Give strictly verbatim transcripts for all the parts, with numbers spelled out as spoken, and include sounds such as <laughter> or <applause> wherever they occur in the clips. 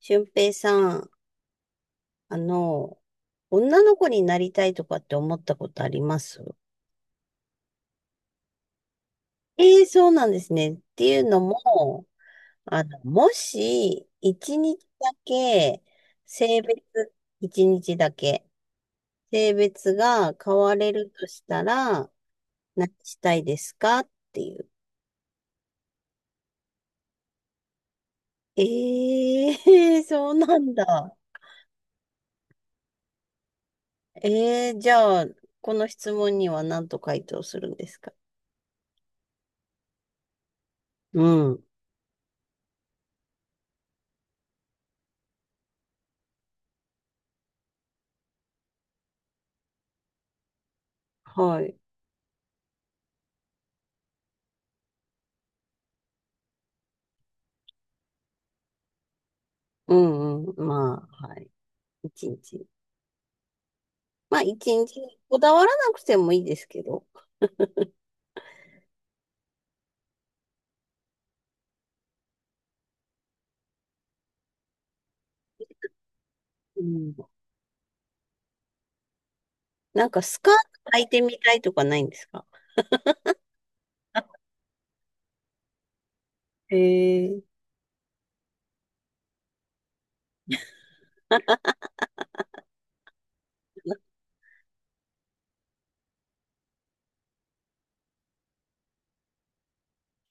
俊平さん、あの、女の子になりたいとかって思ったことあります？ええー、そうなんですね。っていうのも、あの、もし、一日だけ、性別、一日だけ、性別が変われるとしたら、何したいですかっていう。ええー <laughs> そうなんだ。ええー、じゃあ、この質問には何と回答するんですか？うん。はい。うんうん。まあ、はい。一日。まあ、一日こだわらなくてもいいですけど。うん。なんか、スカート履いてみたいとかないんですか？へえ。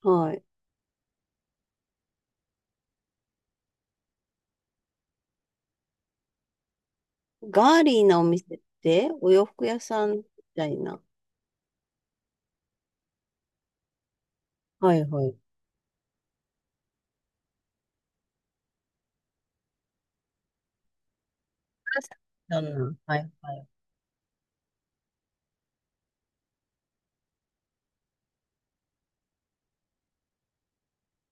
はい。ガーリーなお店って、お洋服屋さんみたいな。はいはい。旦那。はいはい。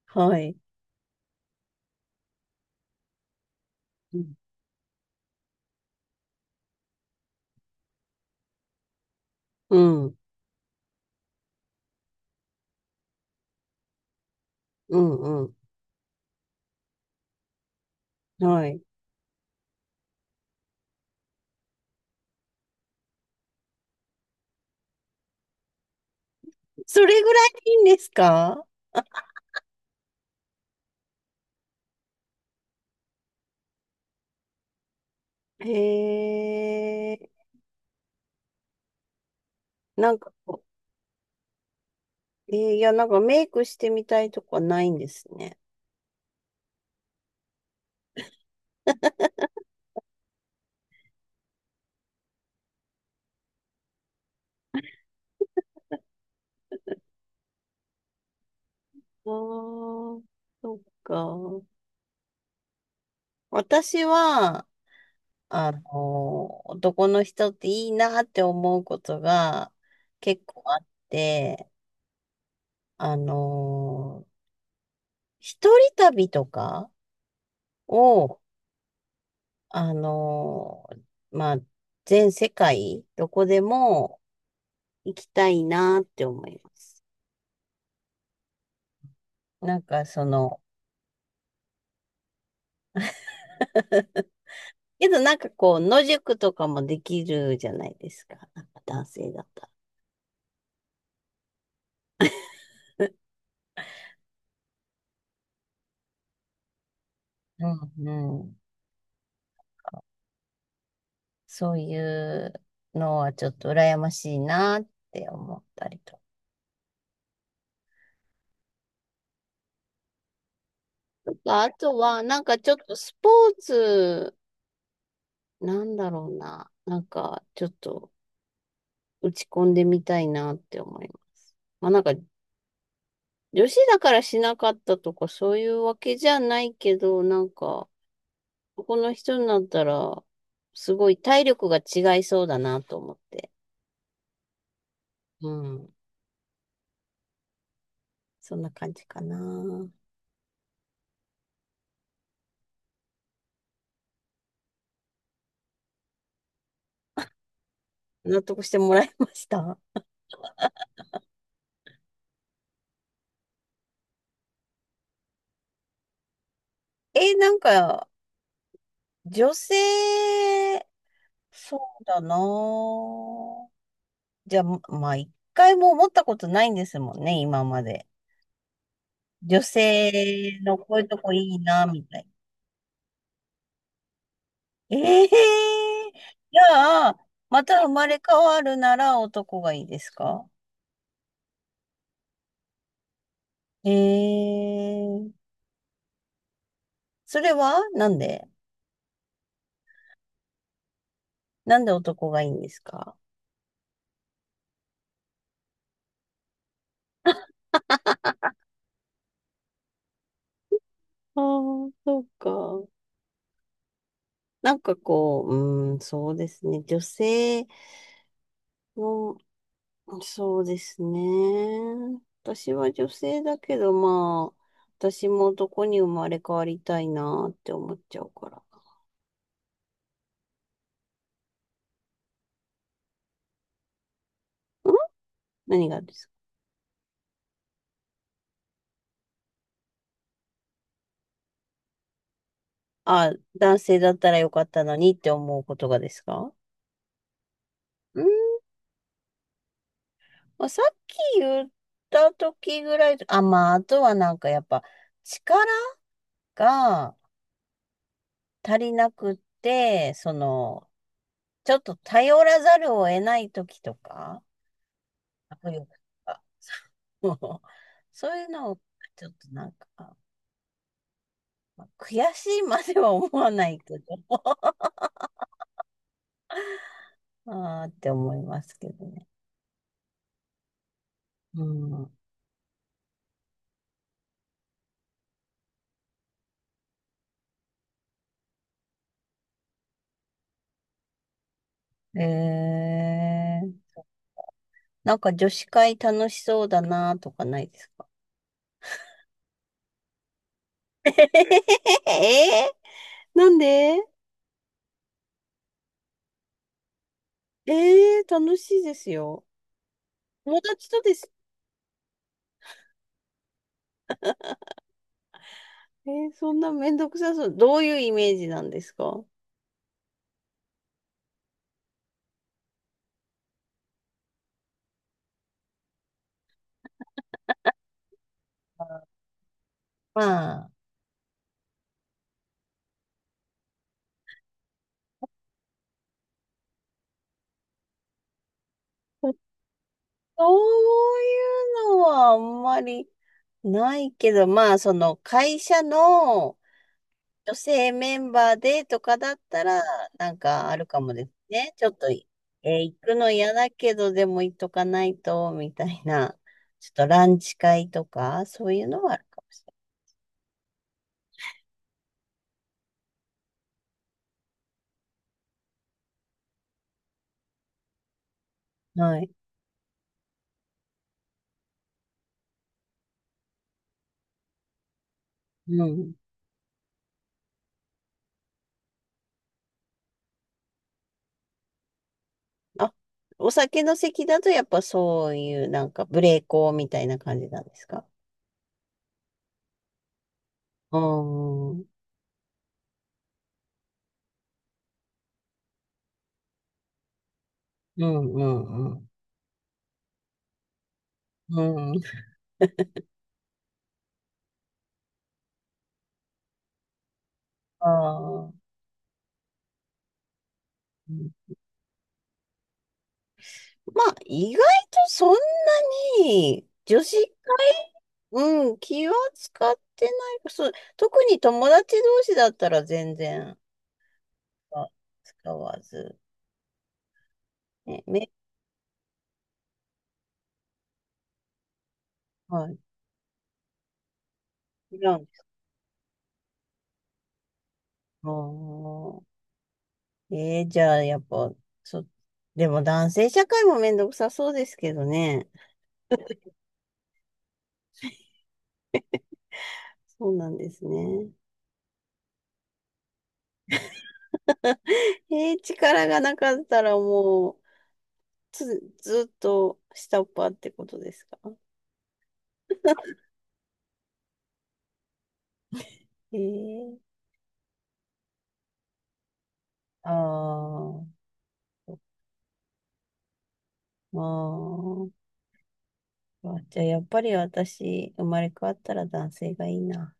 はい。うん。うんうんうん。はい。それぐらいでいいんですか？へえ。なんかこう、えーいや、なんかメイクしてみたいとかないんですね。あー、そっか。私は、あの、男の人っていいなって思うことが結構あって、あの、一人旅とかを、あの、まあ、全世界、どこでも行きたいなって思います。なんかその、けどなんかこう、野宿とかもできるじゃないですか。なんか男性だったら。うんうん。そういうのはちょっと羨ましいなって思ったりとか。あとは、なんかちょっとスポーツ、なんだろうな。なんかちょっと打ち込んでみたいなって思います。まあなんか女子だからしなかったとかそういうわけじゃないけど、なんかここの人になったらすごい体力が違いそうだなと思って。うん。そんな感じかな。納得してもらいました。え、なんか、女性、そうだなぁ。じゃあ、まあ、一回も思ったことないんですもんね、今まで。女性のこういうとこいいな、みたいな。ええー、じゃあ、また生まれ変わるなら男がいいですか？ええー、それはなんで？なんで男がいいんですか？ああー、そうか。なんかこう、うーん、そうですね。女性の、そうですね。私は女性だけど、まあ、私も男に生まれ変わりたいなって思っちゃうから。ん？何がですか？あ、男性だったらよかったのにって思うことがですか？うん、まあ、さっき言った時ぐらい、あ、まあ、あとはなんかやっぱ力が足りなくって、その、ちょっと頼らざるを得ない時とか、迫力とか、そうそういうのを、ちょっとなんか、まあ悔しいまでは思わないけど、<laughs> あーって思いますけどね。うん。えー、なんか女子会楽しそうだなとかないですか？ <laughs> えー、<laughs> なんで？えー、楽しいですよ。友達とです。えー、そんなめんどくさそう。どういうイメージなんですか？まあ、そういうのはあんまりないけど、まあ、その会社の女性メンバーでとかだったら、なんかあるかもですね。ちょっと、えー行くの嫌だけど、でも行っとかないと、みたいな、ちょっとランチ会とか、そういうのはあるかもしれない。はい。うん。あ、お酒の席だと、やっぱそういう、なんか、無礼講みたいな感じなんですか？うん。うん、うん、うん。うん。ああ。まあ、意外とそんなに女子会、うん、気は使ってない。そう、特に友達同士だったら全然あ使わず。ね、め、はい。違うんですあー、えーじゃあ、やっぱ、そ、でも男性社会もめんどくさそうですけどね。<laughs> そうなんですね。えー力がなかったらもう、つ、ずっと下っ端ってことですか？えー、ああ、まあ、じゃあやっぱり私、生まれ変わったら男性がいいな。